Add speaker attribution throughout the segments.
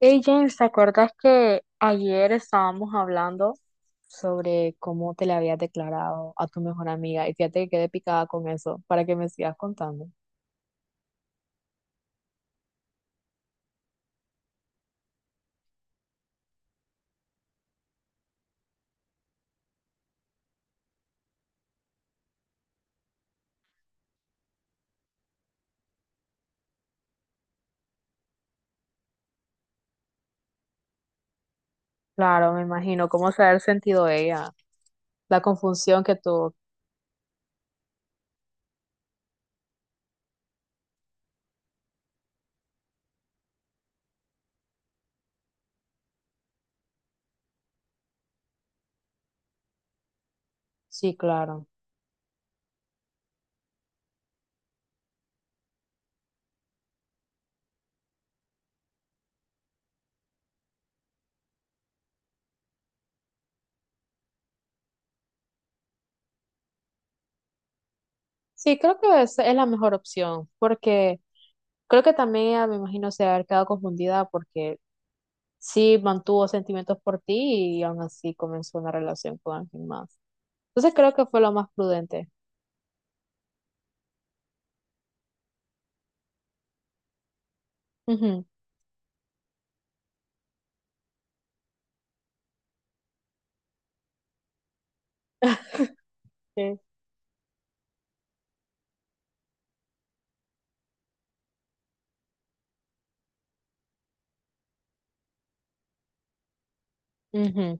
Speaker 1: Hey James, ¿te acuerdas que ayer estábamos hablando sobre cómo te le habías declarado a tu mejor amiga? Y fíjate que quedé picada con eso para que me sigas contando. Claro, me imagino cómo se ha de haber sentido ella, la confusión que tuvo. Sí, claro. Sí, creo que esa es la mejor opción, porque creo que también ella, me imagino, se ha de haber quedado confundida porque sí mantuvo sentimientos por ti y aún así comenzó una relación con alguien más. Entonces creo que fue lo más prudente. Sí. Ujú.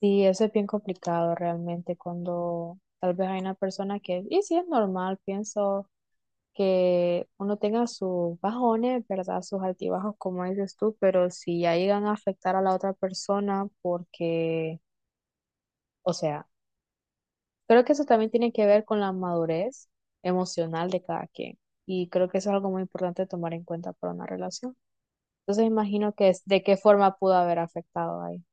Speaker 1: Sí, eso es bien complicado realmente cuando tal vez hay una persona que, y sí es normal, pienso que uno tenga sus bajones, ¿verdad? Sus altibajos, como dices tú, pero si ya llegan a afectar a la otra persona porque, o sea, creo que eso también tiene que ver con la madurez emocional de cada quien, y creo que eso es algo muy importante tomar en cuenta para una relación. Entonces imagino que es de qué forma pudo haber afectado ahí.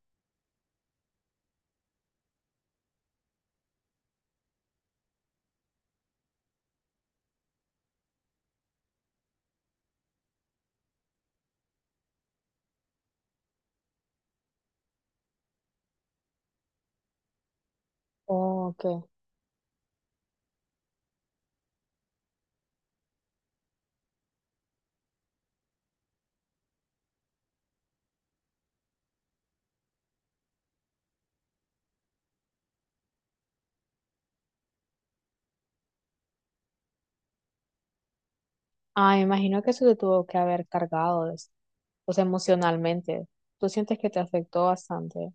Speaker 1: Oh, ok. Ah, me imagino que eso te tuvo que haber cargado, pues emocionalmente. Tú sientes que te afectó bastante.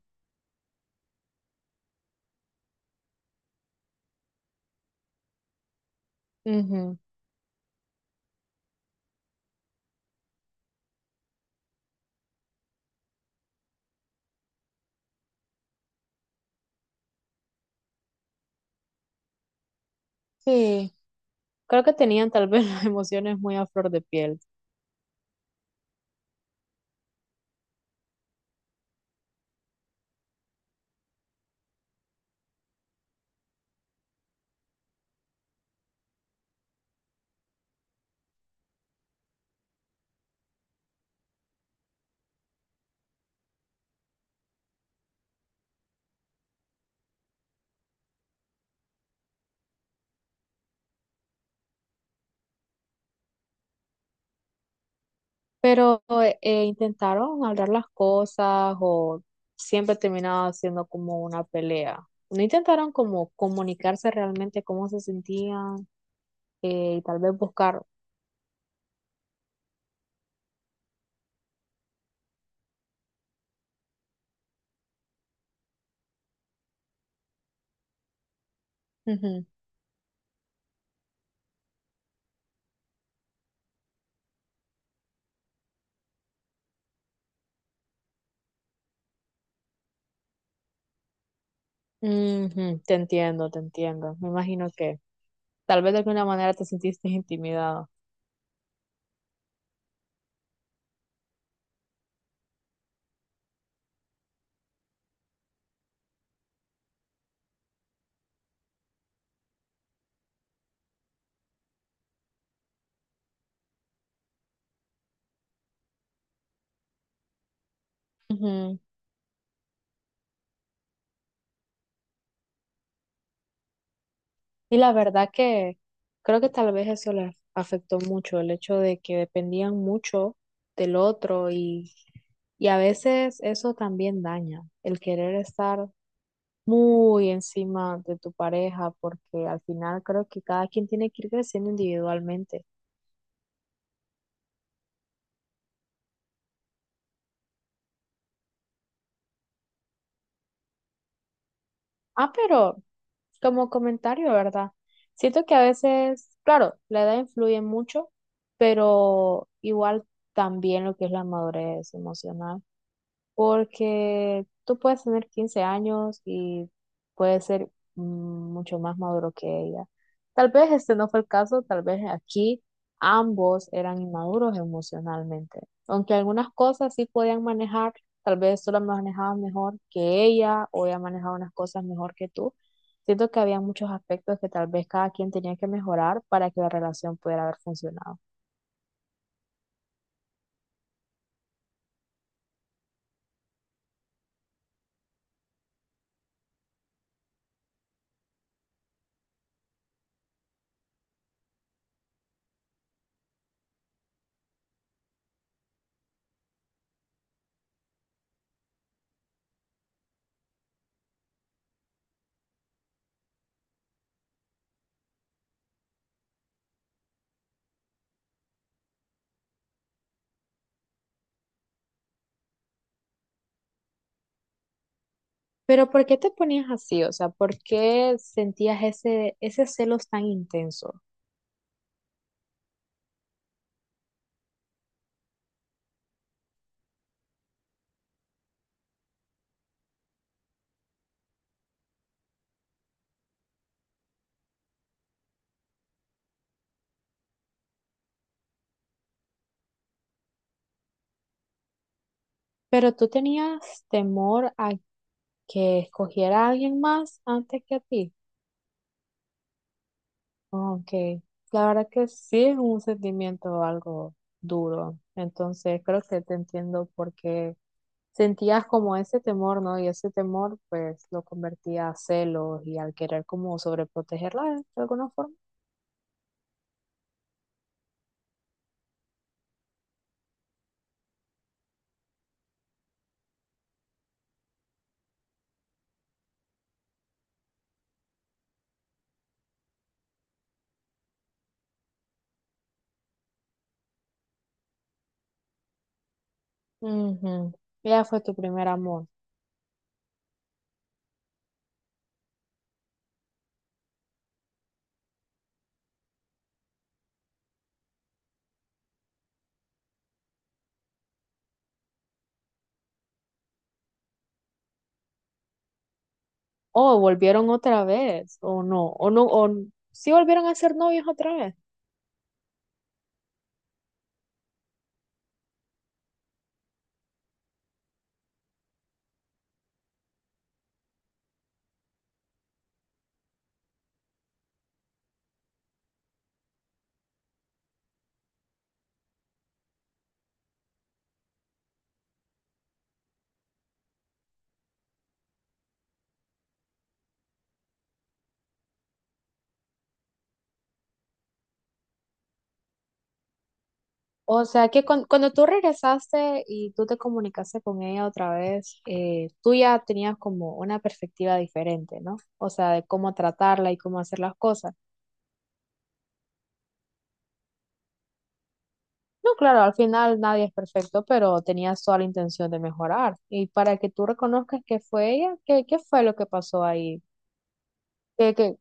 Speaker 1: Ujú. Sí, creo que tenían tal vez las emociones muy a flor de piel, pero ¿intentaron hablar las cosas o siempre terminaba siendo como una pelea? No intentaron como comunicarse realmente cómo se sentían, y tal vez buscar. Ujú, ujú. Te entiendo, te entiendo. Me imagino que tal vez de alguna manera te sentiste intimidado. Ujú. Y la verdad que creo que tal vez eso les afectó mucho, el hecho de que dependían mucho del otro y a veces eso también daña, el querer estar muy encima de tu pareja, porque al final creo que cada quien tiene que ir creciendo individualmente. Ah, pero como comentario, ¿verdad? Siento que a veces, claro, la edad influye mucho, pero igual también lo que es la madurez emocional. Porque tú puedes tener 15 años y puedes ser, mm, mucho más maduro que ella. Tal vez este no fue el caso, tal vez aquí ambos eran inmaduros emocionalmente. Aunque algunas cosas sí podían manejar, tal vez tú las manejabas mejor que ella o ella manejaba unas cosas mejor que tú. Siento que había muchos aspectos que tal vez cada quien tenía que mejorar para que la relación pudiera haber funcionado. Pero ¿por qué te ponías así? O sea, ¿por qué sentías ese, ese celos tan intenso? Pero tú tenías temor a que escogiera a alguien más antes que a ti. Oh, ok, la verdad que sí es un sentimiento algo duro. Entonces creo que te entiendo porque sentías como ese temor, ¿no? Y ese temor pues lo convertía a celos y al querer como sobreprotegerla de alguna forma. Ujú. Ella fue tu primer amor. Oh, ¿volvieron otra vez, o no, o no, o sí volvieron a ser novios otra vez? O sea que cuando tú regresaste y tú te comunicaste con ella otra vez, tú ya tenías como una perspectiva diferente, ¿no? O sea, de cómo tratarla y cómo hacer las cosas. No, claro, al final nadie es perfecto, pero tenías toda la intención de mejorar. Y para que tú reconozcas que fue ella, ¿qué fue lo que pasó ahí? ¿Qué, qué?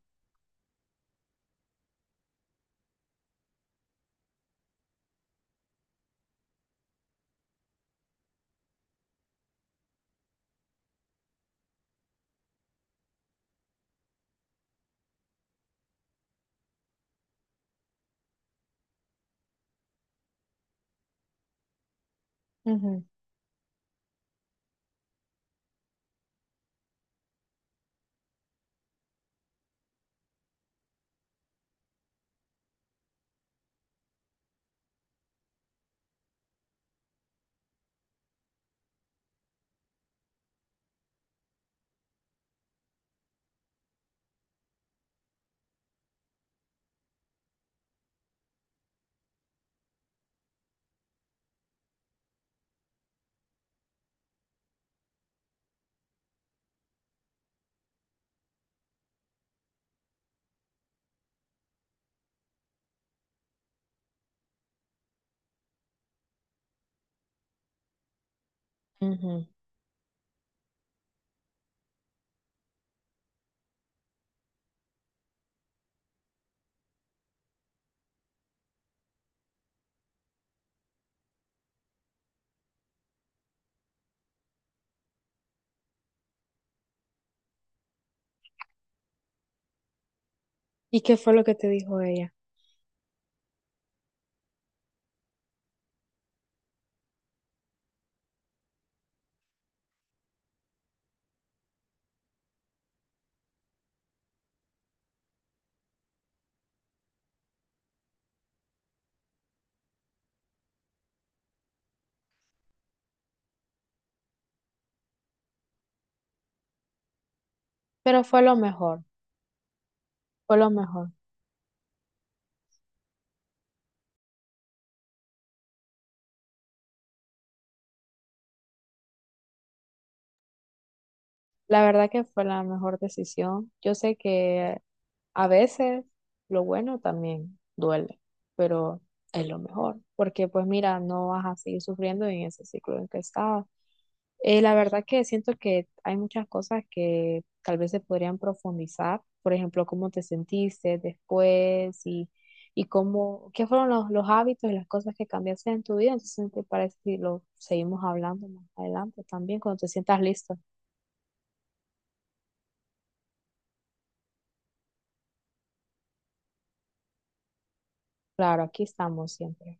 Speaker 1: Ujú, ujú. ¿Y qué fue lo que te dijo ella? Pero fue lo mejor, fue lo mejor. La verdad que fue la mejor decisión. Yo sé que a veces lo bueno también duele, pero es lo mejor, porque pues mira, no vas a seguir sufriendo en ese ciclo en que estabas. La verdad que siento que hay muchas cosas que tal vez se podrían profundizar, por ejemplo, cómo te sentiste después y cómo, qué fueron los hábitos y las cosas que cambiaste en tu vida. Entonces, ¿te parece si lo seguimos hablando más adelante también cuando te sientas listo? Claro, aquí estamos siempre.